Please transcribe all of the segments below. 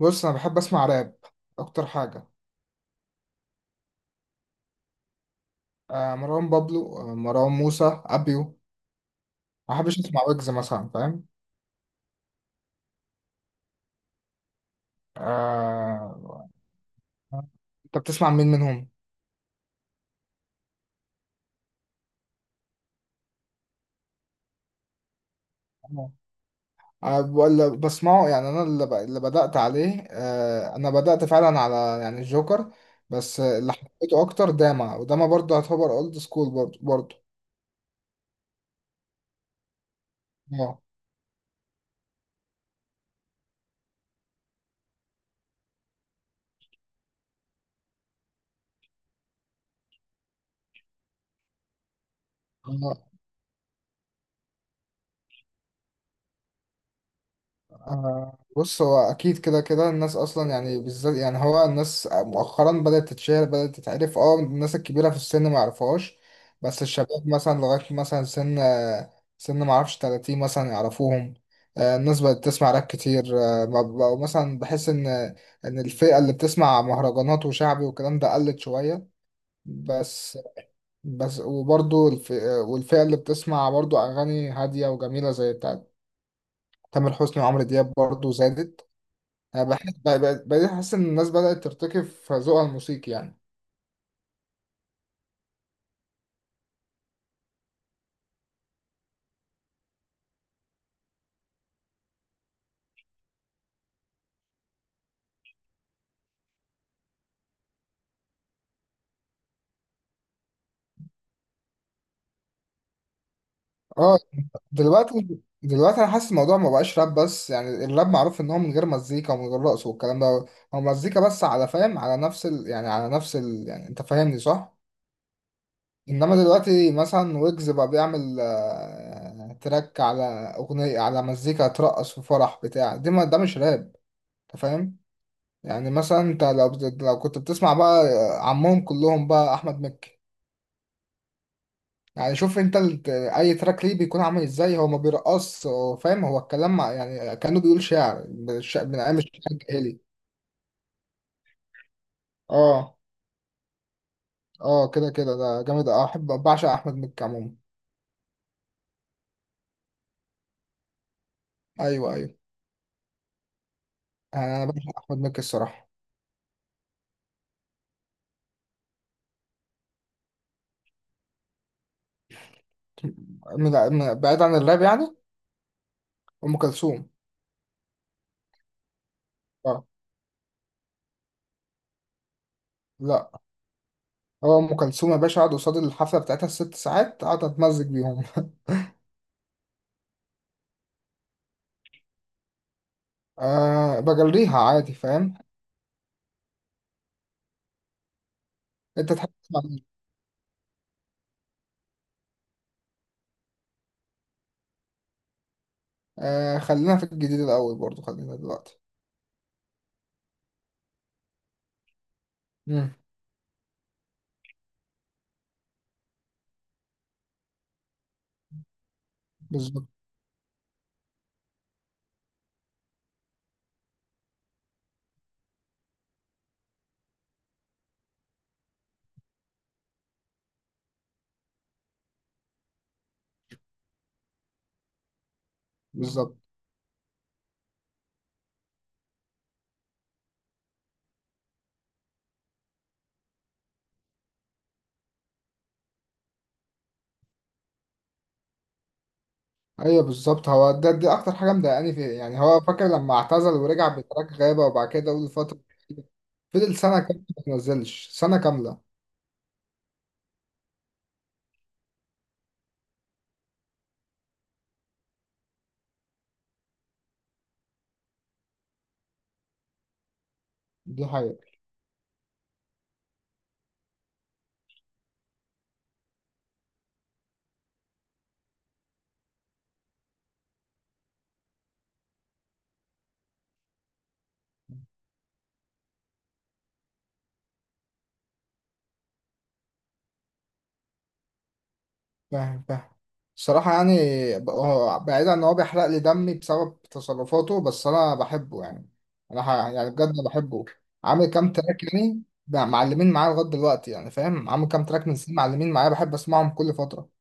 بص انا بحب اسمع راب اكتر حاجه. آه، مروان بابلو، آه، مروان موسى، ابيو. ما بحبش اسمع ويجز مثلا، فاهم؟ آه انت بتسمع مين منهم؟ آه، ولا بسمعه. يعني انا اللي، اللي بدات عليه، انا بدات فعلا على يعني الجوكر. بس اللي حبيته اكتر داما، وداما برضه يعتبر اولد سكول برضه برضه. اه. آه، بص، هو اكيد كده كده الناس اصلا، يعني بالذات يعني هو الناس مؤخرا بدات تتشهر، بدات تتعرف. اه الناس الكبيره في السن ما يعرفوهاش، بس الشباب مثلا لغايه مثلا سن ما اعرفش 30 مثلا يعرفوهم. آه، الناس بقت تسمع راب كتير. آه، ما بقوا مثلا. بحس ان ان الفئه اللي بتسمع مهرجانات وشعبي والكلام ده قلت شويه بس. بس وبرضو والفئه اللي بتسمع برضو اغاني هاديه وجميله زي بتاعت تامر حسني وعمرو دياب برضو زادت. انا بحس بقيت احس ان الناس بدأت ترتكب في ذوقها الموسيقي يعني. اه. دلوقتي انا حاسس الموضوع ما بقاش راب بس. يعني الراب معروف ان هو من غير مزيكا ومن غير رقص والكلام ده. هو مزيكا بس على، فاهم، على يعني على يعني انت فاهمني صح؟ انما دلوقتي مثلا ويجز بقى بيعمل آه، تراك على اغنية، على مزيكا ترقص في فرح بتاع دي. ما ده مش راب. انت فاهم؟ يعني مثلا انت لو، لو كنت بتسمع بقى آه، عمهم كلهم بقى احمد مكي. يعني شوف انت اي تراك ليه بيكون عامل ازاي. هو ما بيرقص، هو فاهم، هو الكلام، مع يعني كانه بيقول شعر. من ايام الشعر الجاهلي. اه. اه، كده كده ده جامد. اه، احب، بعشق احمد مكي عموما. ايوه، ايوه. انا بعشق احمد مكي الصراحه. بعيد عن الراب يعني. ام كلثوم. اه. لا. هو ام كلثوم يا باشا، اقعد قصاد الحفله بتاعتها الست ساعات اقعد اتمزج بيهم. أه بجريها عادي، فاهم؟ انت تحب تسمع مين؟ أه خلينا في الجديد الاول برضو، خلينا دلوقتي. امم. بالظبط. بالظبط ايوه. بالظبط، هو ده، دي اكتر حاجه مضايقاني فيه. يعني هو فاكر لما اعتزل ورجع بتراك غابه، وبعد كده اول فتره فضل سنه كامله ما نزلش، سنه كامله. دي حقيقه. فاهم، فاهم. الصراحه يعني، هو بعيدا ان هو بيحرق لي دمي بسبب تصرفاته، بس انا بحبه. يعني انا ح- يعني بجد بحبه. عامل كام تراك يعني بقى معلمين معايا لغايه دلوقتي، يعني فاهم، عامل كام تراك من سنين معلمين معايا، بحب اسمعهم كل فتره.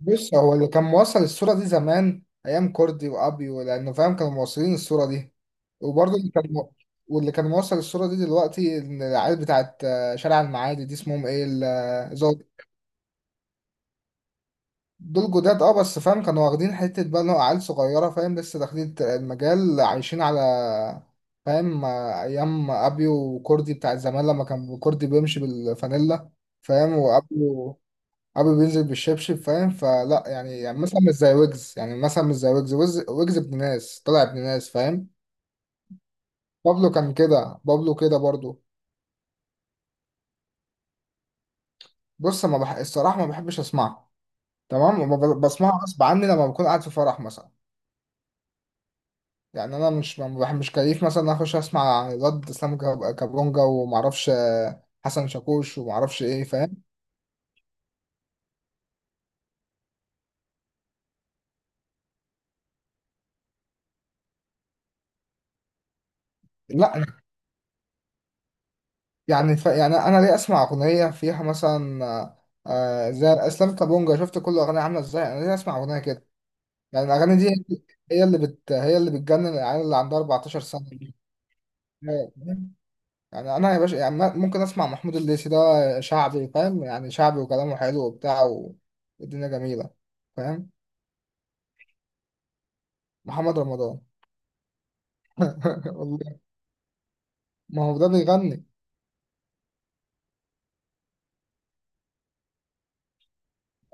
بص، هو اللي كان موصل الصورة دي زمان أيام كوردي وأبيو، لأنه فاهم كانوا موصلين الصورة دي. وبرضه واللي كان موصل الصورة دي دلوقتي إن العيال بتاعت آه، شارع المعادي دي اسمهم إيه دول جداد أه. بس فاهم كانوا واخدين حتة بقى إن هو عيال صغيرة، فاهم، لسه داخلين المجال، عايشين على، فاهم، آه، أيام أبيو وكوردي بتاعت زمان لما كان كوردي بيمشي بالفانيلا، فاهم، وأبيو، ابي بينزل بالشبشب، فاهم. فلا يعني، يعني مثلا مش زي ويجز، يعني مثلا مش زي ويجز. ويجز ابن ناس، طلع ابن ناس، فاهم. بابلو كان كده، بابلو كده برضو. بص، ما بح... الصراحه ما بحبش اسمعه. تمام، ما ب- بسمعه غصب عني لما بكون قاعد في فرح مثلا. يعني انا مش ما بح... مش كيف مثلا اخش اسمع الواد اسلام كابونجا ومعرفش آه، حسن شاكوش ومعرفش ايه، فاهم. لا. يعني يعني انا ليه اسمع اغنيه فيها مثلا زي اسلام كابونجا، شفت كل اغنيه عامله ازاي؟ انا ليه اسمع اغنيه كده؟ يعني الاغاني دي هي اللي بتجنن العيال اللي عندها 14 سنه دي. يعني انا يا باشا، يعني ممكن اسمع محمود الليثي ده، شعبي فاهم، يعني شعبي وكلامه حلو وبتاع، والدنيا جميله. فاهم. محمد رمضان. والله ما هو ده بيغني.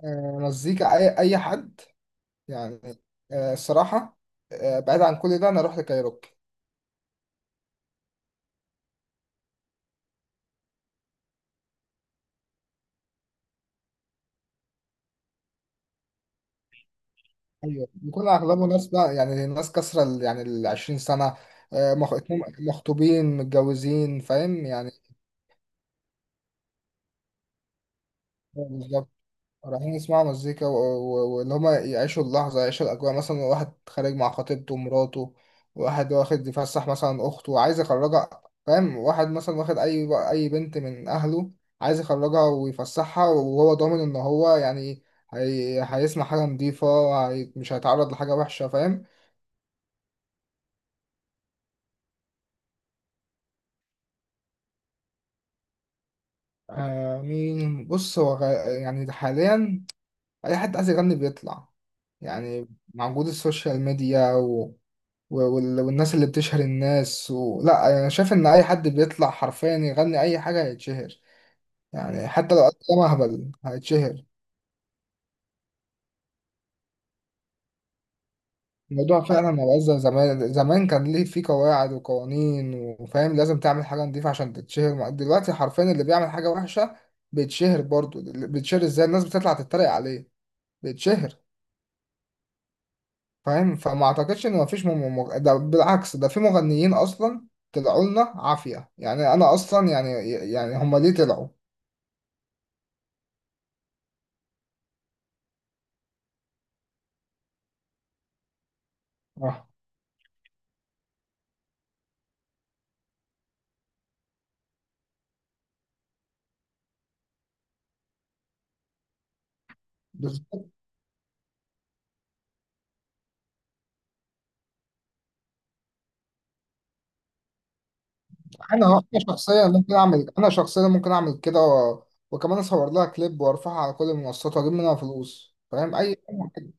آه، مزيكا اي حد، يعني آه، الصراحه آه، بعيد عن كل ده انا اروح لكايروكي. ايوه بيكون اغلبه ناس بقى، يعني ناس كسرى يعني ال 20 سنه، آه، اتنين مخطوبين، متجوزين، فاهم يعني. بالظبط. رايحين يسمعوا مزيكا، واللي هما يعيشوا اللحظة، يعيشوا الأجواء. مثلا واحد خارج مع خطيبته ومراته، واحد واخد يفسح مثلا أخته وعايز يخرجها، فاهم، واحد مثلا واخد أي بنت من أهله عايز يخرجها ويفسحها، وهو ضامن إن هو يعني هيسمع حاجة نضيفة، مش هيتعرض لحاجة وحشة، فاهم. آه مين؟ بص، يعني حاليا أي حد عايز يغني بيطلع، يعني مع وجود السوشيال ميديا والناس اللي بتشهر الناس و... لا، يعني انا شايف ان اي حد بيطلع حرفيا يغني اي حاجه هيتشهر، يعني حتى لو قدم اهبل هيتشهر. الموضوع فعلا ما بقاش زي زمان. زمان كان ليه في قواعد وقوانين، وفاهم لازم تعمل حاجه نضيفه عشان تتشهر. دلوقتي حرفيا اللي بيعمل حاجه وحشه بيتشهر برضه. اللي بيتشهر ازاي؟ الناس بتطلع تتريق عليه، بيتشهر، فاهم. فما اعتقدش ان مفيش ده بالعكس ده في مغنيين اصلا طلعوا لنا عافيه. يعني انا اصلا يعني، يعني هم ليه طلعوا؟ آه. بالظبط. انا انا شخصيا ممكن اعمل انا شخصيا ممكن اعمل كده، و... وكمان اصور لها كليب وارفعها على كل المنصات واجيب منها فلوس، فاهم، اي حاجة كده.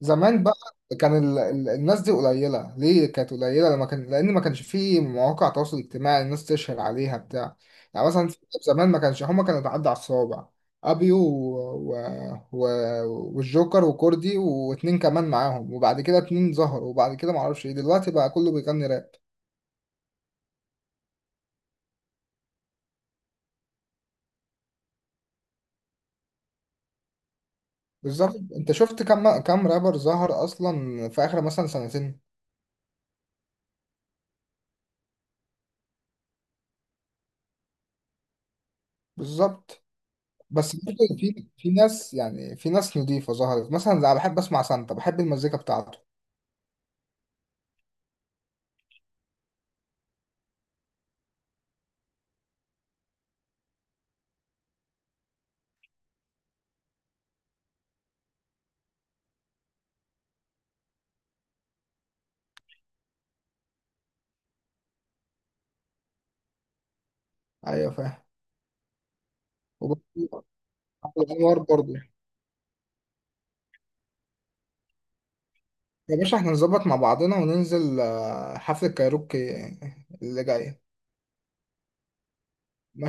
زمان بقى كان الناس دي قليله. ليه كانت قليله؟ لما كان، لان ما كانش في مواقع تواصل اجتماعي الناس تشهر عليها بتاع. يعني مثلا زمان ما كانش، هما كانوا بيعدوا على الصوابع: ابيو و... والجوكر وكوردي واتنين كمان معاهم، وبعد كده اتنين ظهروا، وبعد كده معرفش ايه، دلوقتي بقى كله بيغني راب. بالظبط. انت شفت كم رابر ظهر اصلا في اخر مثلا سنتين؟ بالظبط. بس برضه في ناس، يعني في ناس نضيفة ظهرت، مثلا انا بحب اسمع سانتا، بحب المزيكا بتاعته. ايوه فاهم. وبرضه عبد الانوار برضه. يا باشا، احنا نظبط مع بعضنا وننزل آه، حفلة كايروكي اللي جاية. ماشي.